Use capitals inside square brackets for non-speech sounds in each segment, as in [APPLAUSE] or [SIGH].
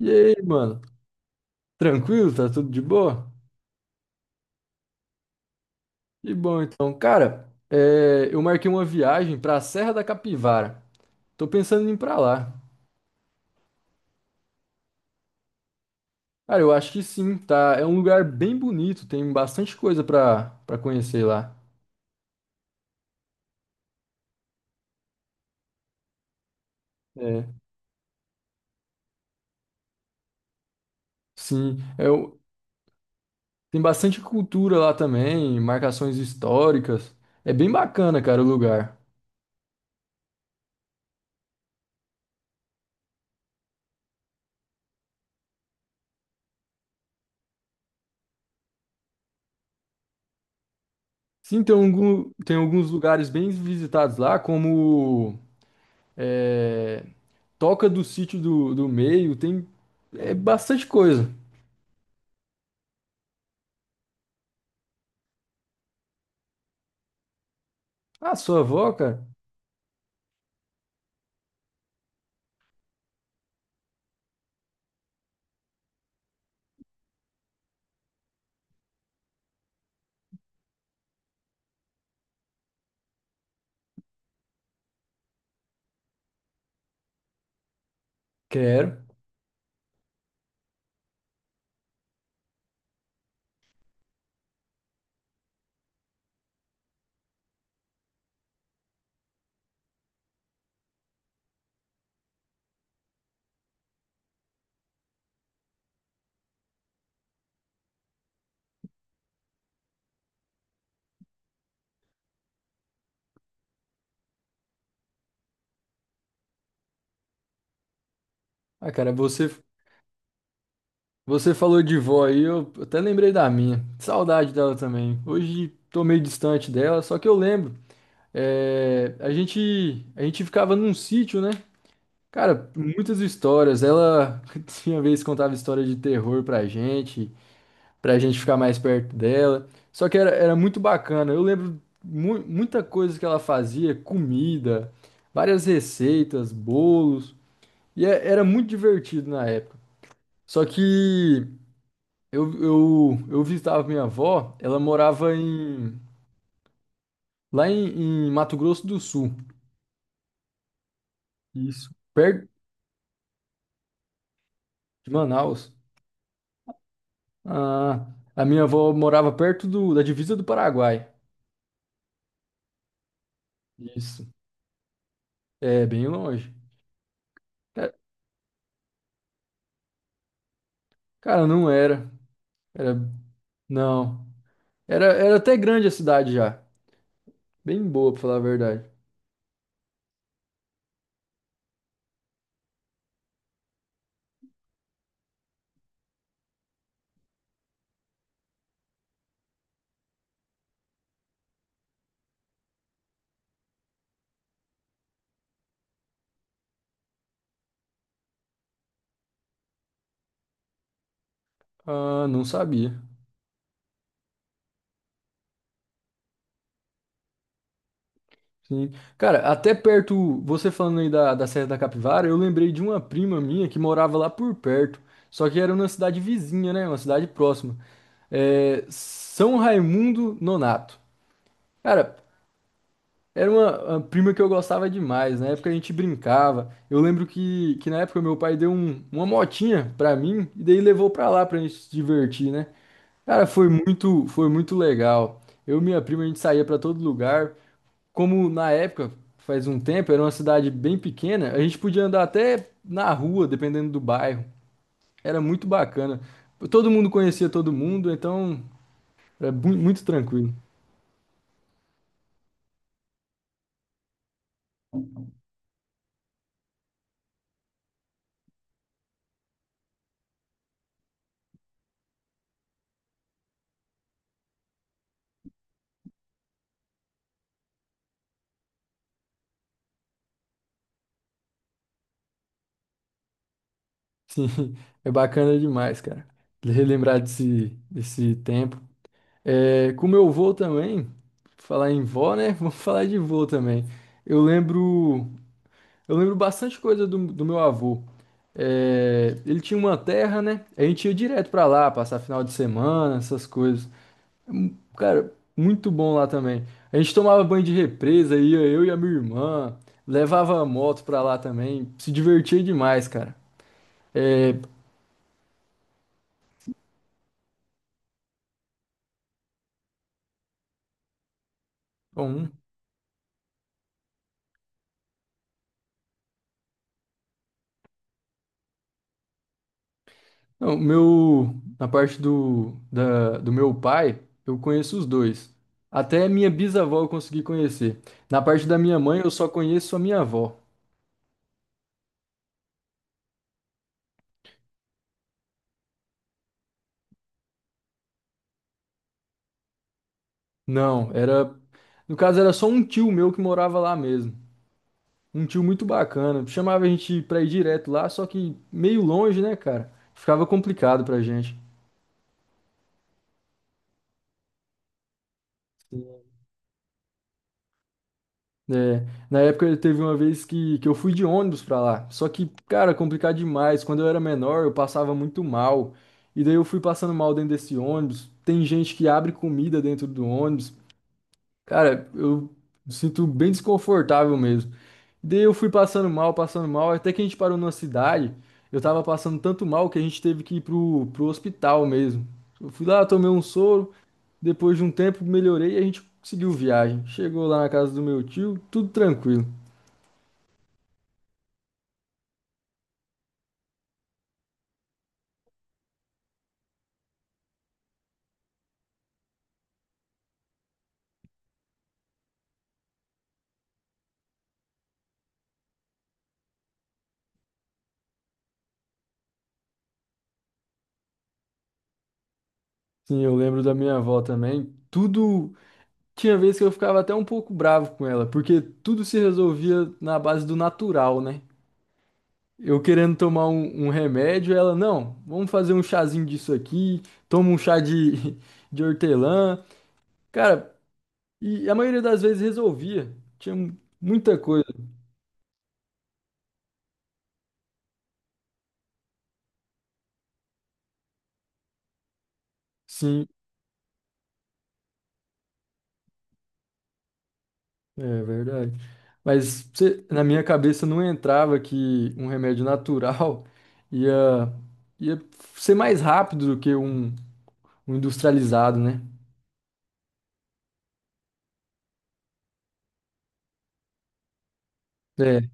E aí, mano? Tranquilo? Tá tudo de boa? Que bom, então. Cara, é, eu marquei uma viagem pra Serra da Capivara. Tô pensando em ir pra lá. Cara, eu acho que sim, tá? É um lugar bem bonito, tem bastante coisa pra conhecer lá. É, sim. É, tem bastante cultura lá também, marcações históricas. É bem bacana, cara, o lugar. Sim, tem, algum, tem alguns lugares bem visitados lá, como... é, toca do sítio do meio, tem é bastante coisa. Ah, sua avó, cara? Quero. Ah, cara, você falou de vó aí, eu até lembrei da minha. Saudade dela também. Hoje tô meio distante dela, só que eu lembro. É, a gente ficava num sítio, né? Cara, muitas histórias. Ela [LAUGHS] tinha vez contava história de terror pra gente, pra gente ficar mais perto dela. Só que era muito bacana. Eu lembro muita coisa que ela fazia, comida, várias receitas, bolos, e era muito divertido na época. Só que eu visitava minha avó, ela morava lá em, em Mato Grosso do Sul, isso, perto de Manaus. Ah, a minha avó morava perto da divisa do Paraguai. Isso, é bem longe. Ca- Cara, não era. Era, não. Era, era até grande a cidade já. Bem boa, pra falar a verdade. Ah, não sabia. Sim. Cara, até perto, você falando aí da Serra da Capivara, eu lembrei de uma prima minha que morava lá por perto. Só que era uma cidade vizinha, né? Uma cidade próxima. É, São Raimundo Nonato. Cara, era uma prima que eu gostava demais. Na época a gente brincava. Eu lembro que na época meu pai deu uma motinha pra mim e daí levou pra lá pra gente se divertir, né? Cara, foi muito legal. Eu e minha prima a gente saía pra todo lugar. Como na época, faz um tempo, era uma cidade bem pequena, a gente podia andar até na rua, dependendo do bairro. Era muito bacana. Todo mundo conhecia todo mundo, então era muito tranquilo. Sim, [LAUGHS] é bacana demais, cara. Relembrar desse tempo. É, com meu avô também, falar em vó, né? [LAUGHS] Vamos falar de vô também. Eu lembro, eu lembro bastante coisa do meu avô. É, ele tinha uma terra, né? A gente ia direto pra lá, passar final de semana, essas coisas. Cara, muito bom lá também. A gente tomava banho de represa, ia eu e a minha irmã, levava a moto pra lá também, se divertia demais, cara. É, bom. Não, meu, na parte do meu pai, eu conheço os dois. Até minha bisavó eu consegui conhecer. Na parte da minha mãe, eu só conheço a minha avó. Não, era. No caso, era só um tio meu que morava lá mesmo. Um tio muito bacana. Chamava a gente pra ir direto lá, só que meio longe, né, cara? Ficava complicado pra gente. É, na época teve uma vez que eu fui de ônibus pra lá. Só que, cara, complicado demais. Quando eu era menor, eu passava muito mal. E daí eu fui passando mal dentro desse ônibus. Tem gente que abre comida dentro do ônibus. Cara, eu me sinto bem desconfortável mesmo. Daí eu fui passando mal, até que a gente parou numa cidade. Eu tava passando tanto mal que a gente teve que ir pro hospital mesmo. Eu fui lá, tomei um soro, depois de um tempo melhorei e a gente seguiu viagem. Chegou lá na casa do meu tio, tudo tranquilo. Sim, eu lembro da minha avó também. Tudo. Tinha vez que eu ficava até um pouco bravo com ela, porque tudo se resolvia na base do natural, né? Eu querendo tomar um remédio, ela, não, vamos fazer um chazinho disso aqui, toma um chá de, [LAUGHS] de hortelã. Cara, e a maioria das vezes resolvia. Tinha muita coisa. Sim, é verdade. Mas você- na minha cabeça não entrava que um remédio natural [LAUGHS] ia, ia ser mais rápido do que um o industrializado, né? É,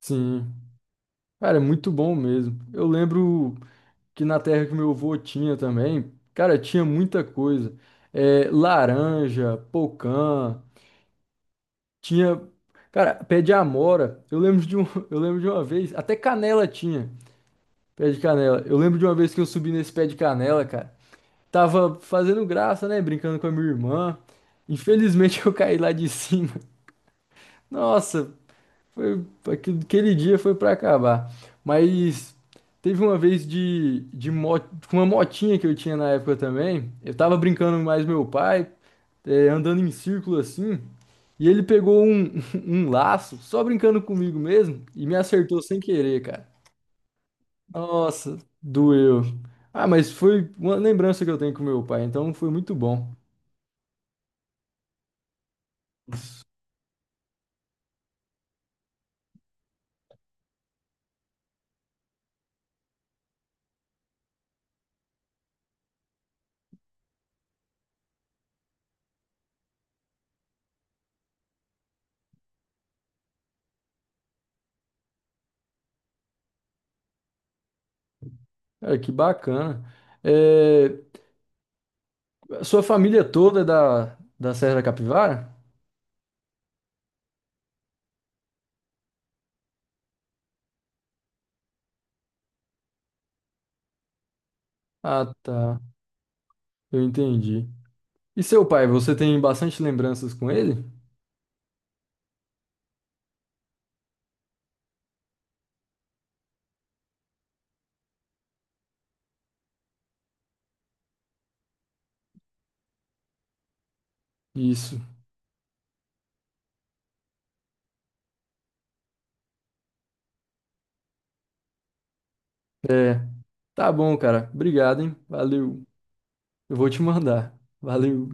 sim. Cara, é muito bom mesmo. Eu lembro que na terra que meu avô tinha também, cara, tinha muita coisa. É, laranja, pocã, tinha, cara, pé de amora. Eu lembro de um, [LAUGHS] eu lembro de uma vez, até canela tinha, pé de canela. Eu lembro de uma vez que eu subi nesse pé de canela, cara. Tava fazendo graça, né, brincando com a minha irmã. Infelizmente [LAUGHS] eu caí lá de cima. Nossa, foi, aquele dia foi pra acabar. Mas teve uma vez com uma motinha que eu tinha na época também. Eu tava brincando mais meu pai, é, andando em círculo assim. E ele pegou um, [LAUGHS] um laço, só brincando comigo mesmo, e me acertou sem querer, cara. Nossa, doeu. Ah, mas foi uma lembrança que eu tenho com meu pai, então foi muito bom. Cara, que bacana. É, a sua família toda é da Serra da Capivara? Ah, tá. Eu entendi. E seu pai, você tem bastante lembranças com ele? Isso. É. Tá bom, cara. Obrigado, hein? Valeu. Eu vou te mandar. Valeu.